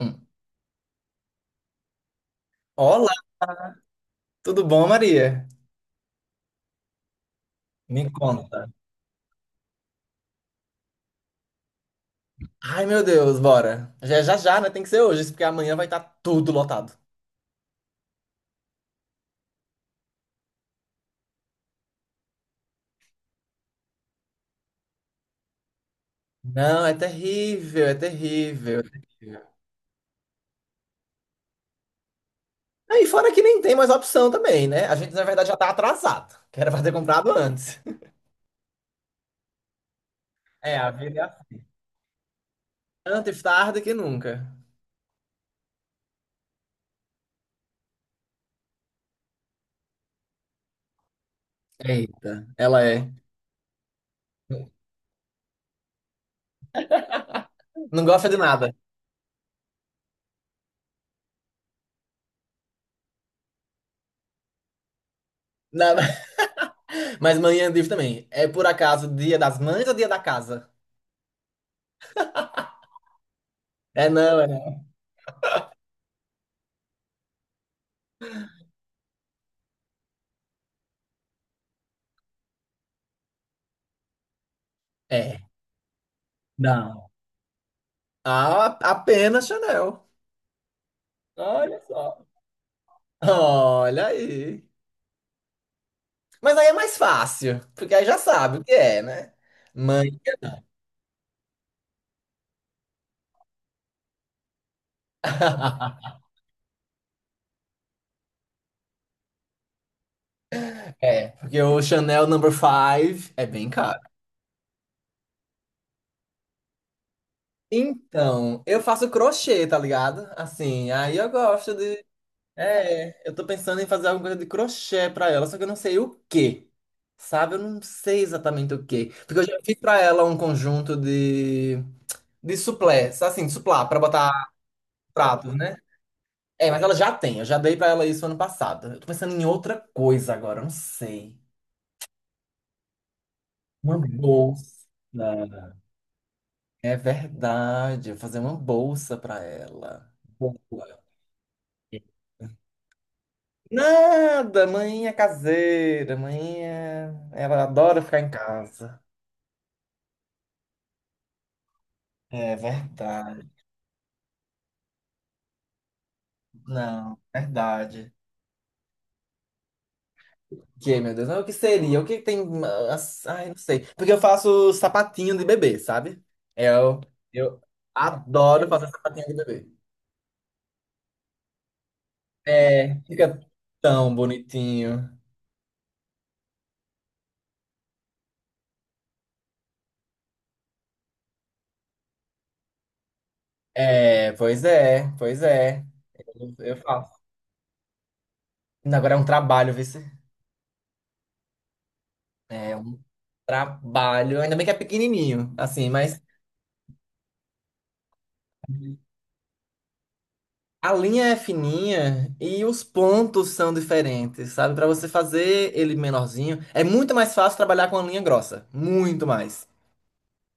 Hum. Olá, tudo bom, Maria? Me conta. Ai, meu Deus, bora. Já, já, já, né? Tem que ser hoje, isso porque amanhã vai estar tudo lotado. Não, é terrível, é terrível, é terrível. Aí, fora que nem tem mais opção também, né? A gente, na verdade, já tá atrasado, que era pra ter comprado antes. É, a vida é assim, antes tarde que nunca. Eita, ela é. Não gosta de nada. Nada. Mas manhã livre também. É por acaso dia das mães ou dia da casa? É, não, é. Não. É. Não. Ah, apenas Chanel. Olha só. Olha aí. Mas aí é mais fácil, porque aí já sabe o que é, né? Mãe. É, porque o Chanel Number Five é bem caro. Então, eu faço crochê, tá ligado? Assim, aí eu gosto de. É, eu tô pensando em fazer alguma coisa de crochê pra ela, só que eu não sei o quê. Sabe? Eu não sei exatamente o quê. Porque eu já fiz pra ela um conjunto de. De suplé, assim, suplá, pra botar pratos, né? É, mas ela já tem. Eu já dei pra ela isso ano passado. Eu tô pensando em outra coisa agora, eu não sei. Uma bolsa. É verdade. Eu vou fazer uma bolsa pra ela. Boa. Nada, mãe é caseira, mãe é. Ela adora ficar em casa. É verdade. Não, verdade. O que, meu Deus, mas o que seria? O que tem. Ai, não sei. Porque eu faço sapatinho de bebê, sabe? Eu, eu adoro fazer sapatinho de bebê. É, fica tão bonitinho. É, pois é, pois é. Eu faço. Ainda agora é um trabalho, vê se. É um trabalho. Ainda bem que é pequenininho, assim, mas a linha é fininha e os pontos são diferentes, sabe? Pra você fazer ele menorzinho, é muito mais fácil trabalhar com a linha grossa. Muito mais.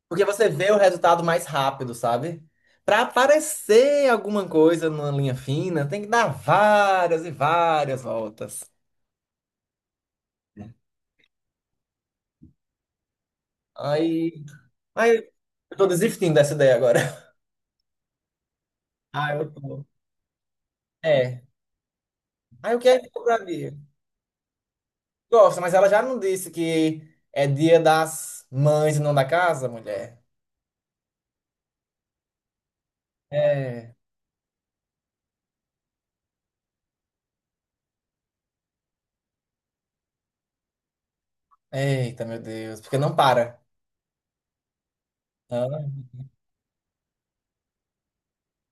Porque você vê o resultado mais rápido, sabe? Pra aparecer alguma coisa numa linha fina, tem que dar várias e várias voltas. Aí Aí eu tô desistindo dessa ideia agora. Ah, eu tô. É. Aí o que é que eu compraria? Gosta, mas ela já não disse que é dia das mães e não da casa, mulher? É. Eita, meu Deus. Porque não para. Ah.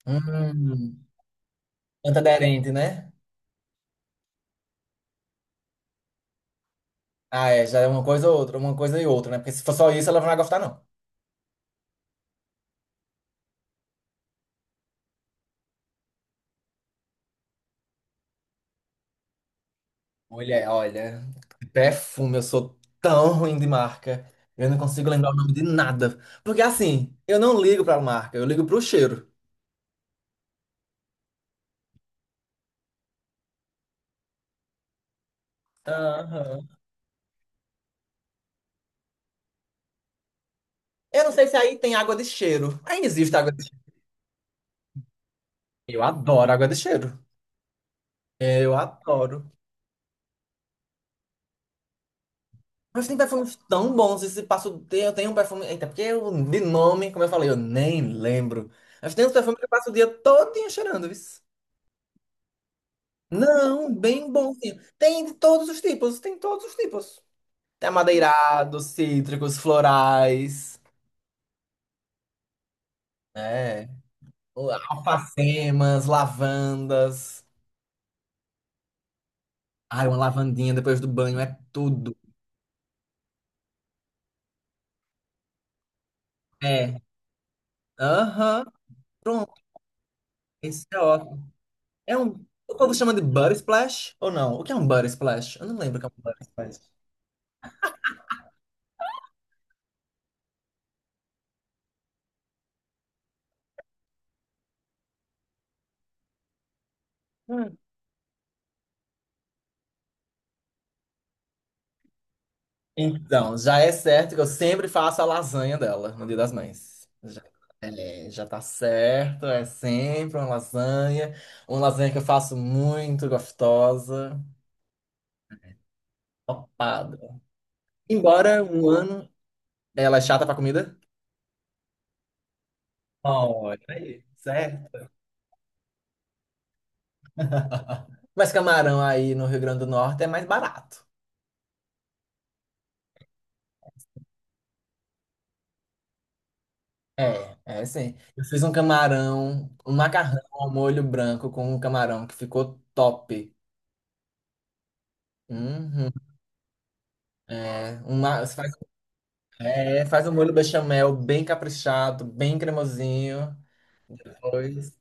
Hum. Antiaderente, né? Ah, é. Já é uma coisa ou outra, uma coisa e outra, né? Porque se for só isso, ela não vai gostar, não. Mulher, olha. Perfume, eu sou tão ruim de marca. Eu não consigo lembrar o nome de nada. Porque assim, eu não ligo pra marca, eu ligo pro cheiro. Aham. Eu não sei se aí tem água de cheiro. Aí existe água de cheiro. Eu adoro água de cheiro. Eu adoro. Mas tem perfumes tão bons. Esse passo eu tenho um perfume. Eita, porque eu, de nome, como eu falei, eu nem lembro. Mas tem uns perfumes que eu passo o dia todinho cheirando, isso. Não, bem bonzinho. Tem de todos os tipos, tem todos os tipos. Tem amadeirados, cítricos, florais, né? Alfacemas, lavandas. Ai, uma lavandinha depois do banho é tudo. É. Aham. Isso é ótimo. É um. O povo chama de butter splash ou não? O que é um butter splash? Eu não lembro o que é um butter splash. Hum. Então, já é certo que eu sempre faço a lasanha dela no Dia das Mães. Já, é, já tá certo, é sempre uma lasanha. Uma lasanha que eu faço muito gostosa. Topada. Embora um ano ela é chata pra comida. Olha aí, certo. Mas camarão aí no Rio Grande do Norte é mais barato. É, é sim. Eu fiz um camarão, um macarrão ao molho branco com um camarão que ficou top. Uhum. É, uma, você faz, é, faz um molho bechamel bem caprichado, bem cremosinho. Depois,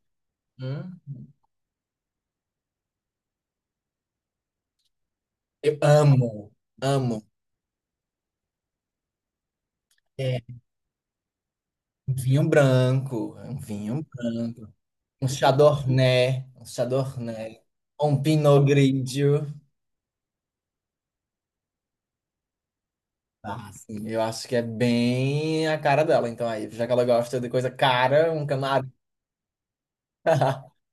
hum. Eu amo, amo. É, um vinho branco, é um vinho branco. Um chardonnay, um chardonnay. Um pinot grigio. Ah, sim, eu acho que é bem a cara dela. Então aí, já que ela gosta de coisa cara, um camarão.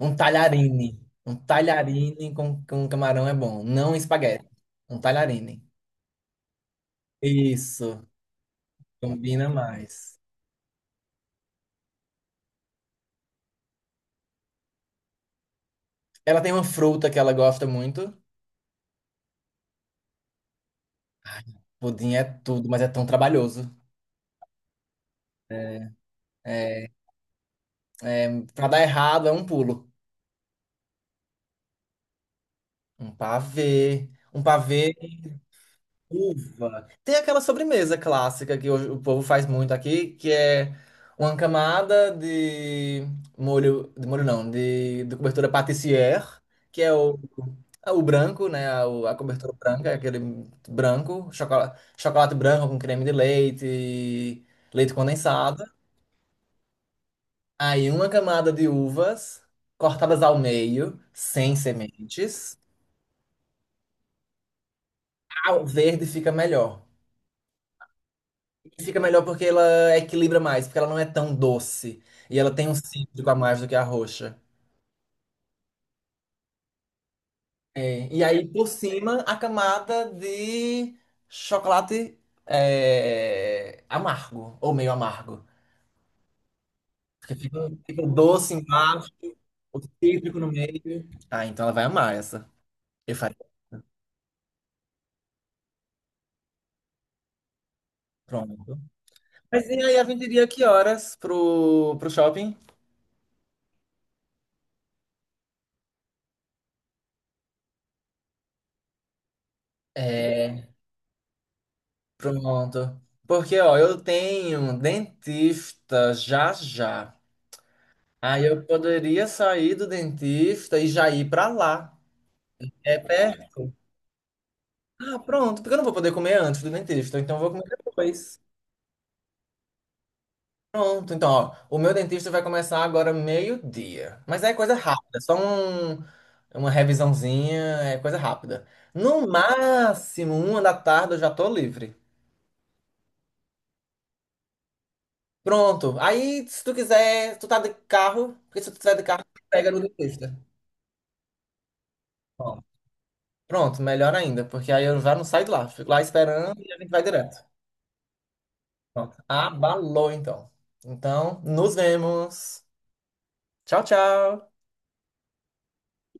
Um talharine. Um talharine com camarão é bom. Não espaguete. Um talharine. Isso. Combina mais. Ela tem uma fruta que ela gosta muito. Pudim é tudo, mas é tão trabalhoso. É, é, pra dar errado é um pulo. Um pavê. Um pavê. Uva. Tem aquela sobremesa clássica que hoje o povo faz muito aqui, que é uma camada de molho não, de cobertura pâtissière, que é o, é o branco, né? A cobertura branca, aquele branco, chocolate, chocolate branco com creme de leite, leite condensado. Aí uma camada de uvas cortadas ao meio, sem sementes. A verde fica melhor. E fica melhor porque ela equilibra mais, porque ela não é tão doce. E ela tem um cítrico a mais do que a roxa. É, e aí, por cima, a camada de chocolate é, amargo, ou meio amargo. Porque fica o doce embaixo, o cítrico no meio. Ah, então ela vai amar essa. Eu faria pronto. Mas e aí, a gente iria que horas pro shopping? É, pronto. Porque, ó, eu tenho dentista já já. Aí eu poderia sair do dentista e já ir pra lá. É perto. Ah, pronto, porque eu não vou poder comer antes do dentista, então eu vou comer depois. Pronto, então, ó, o meu dentista vai começar agora meio-dia. Mas é coisa rápida, é só uma revisãozinha, é coisa rápida. No máximo, 1 da tarde eu já tô livre. Pronto, aí se tu quiser, tu tá de carro, porque se tu tiver de carro, tu pega no dentista. Bom. Pronto, melhor ainda, porque aí eu já não saio de lá, fico lá esperando e a gente vai direto. Ó, Abalou, então. Então, nos vemos. Tchau, tchau.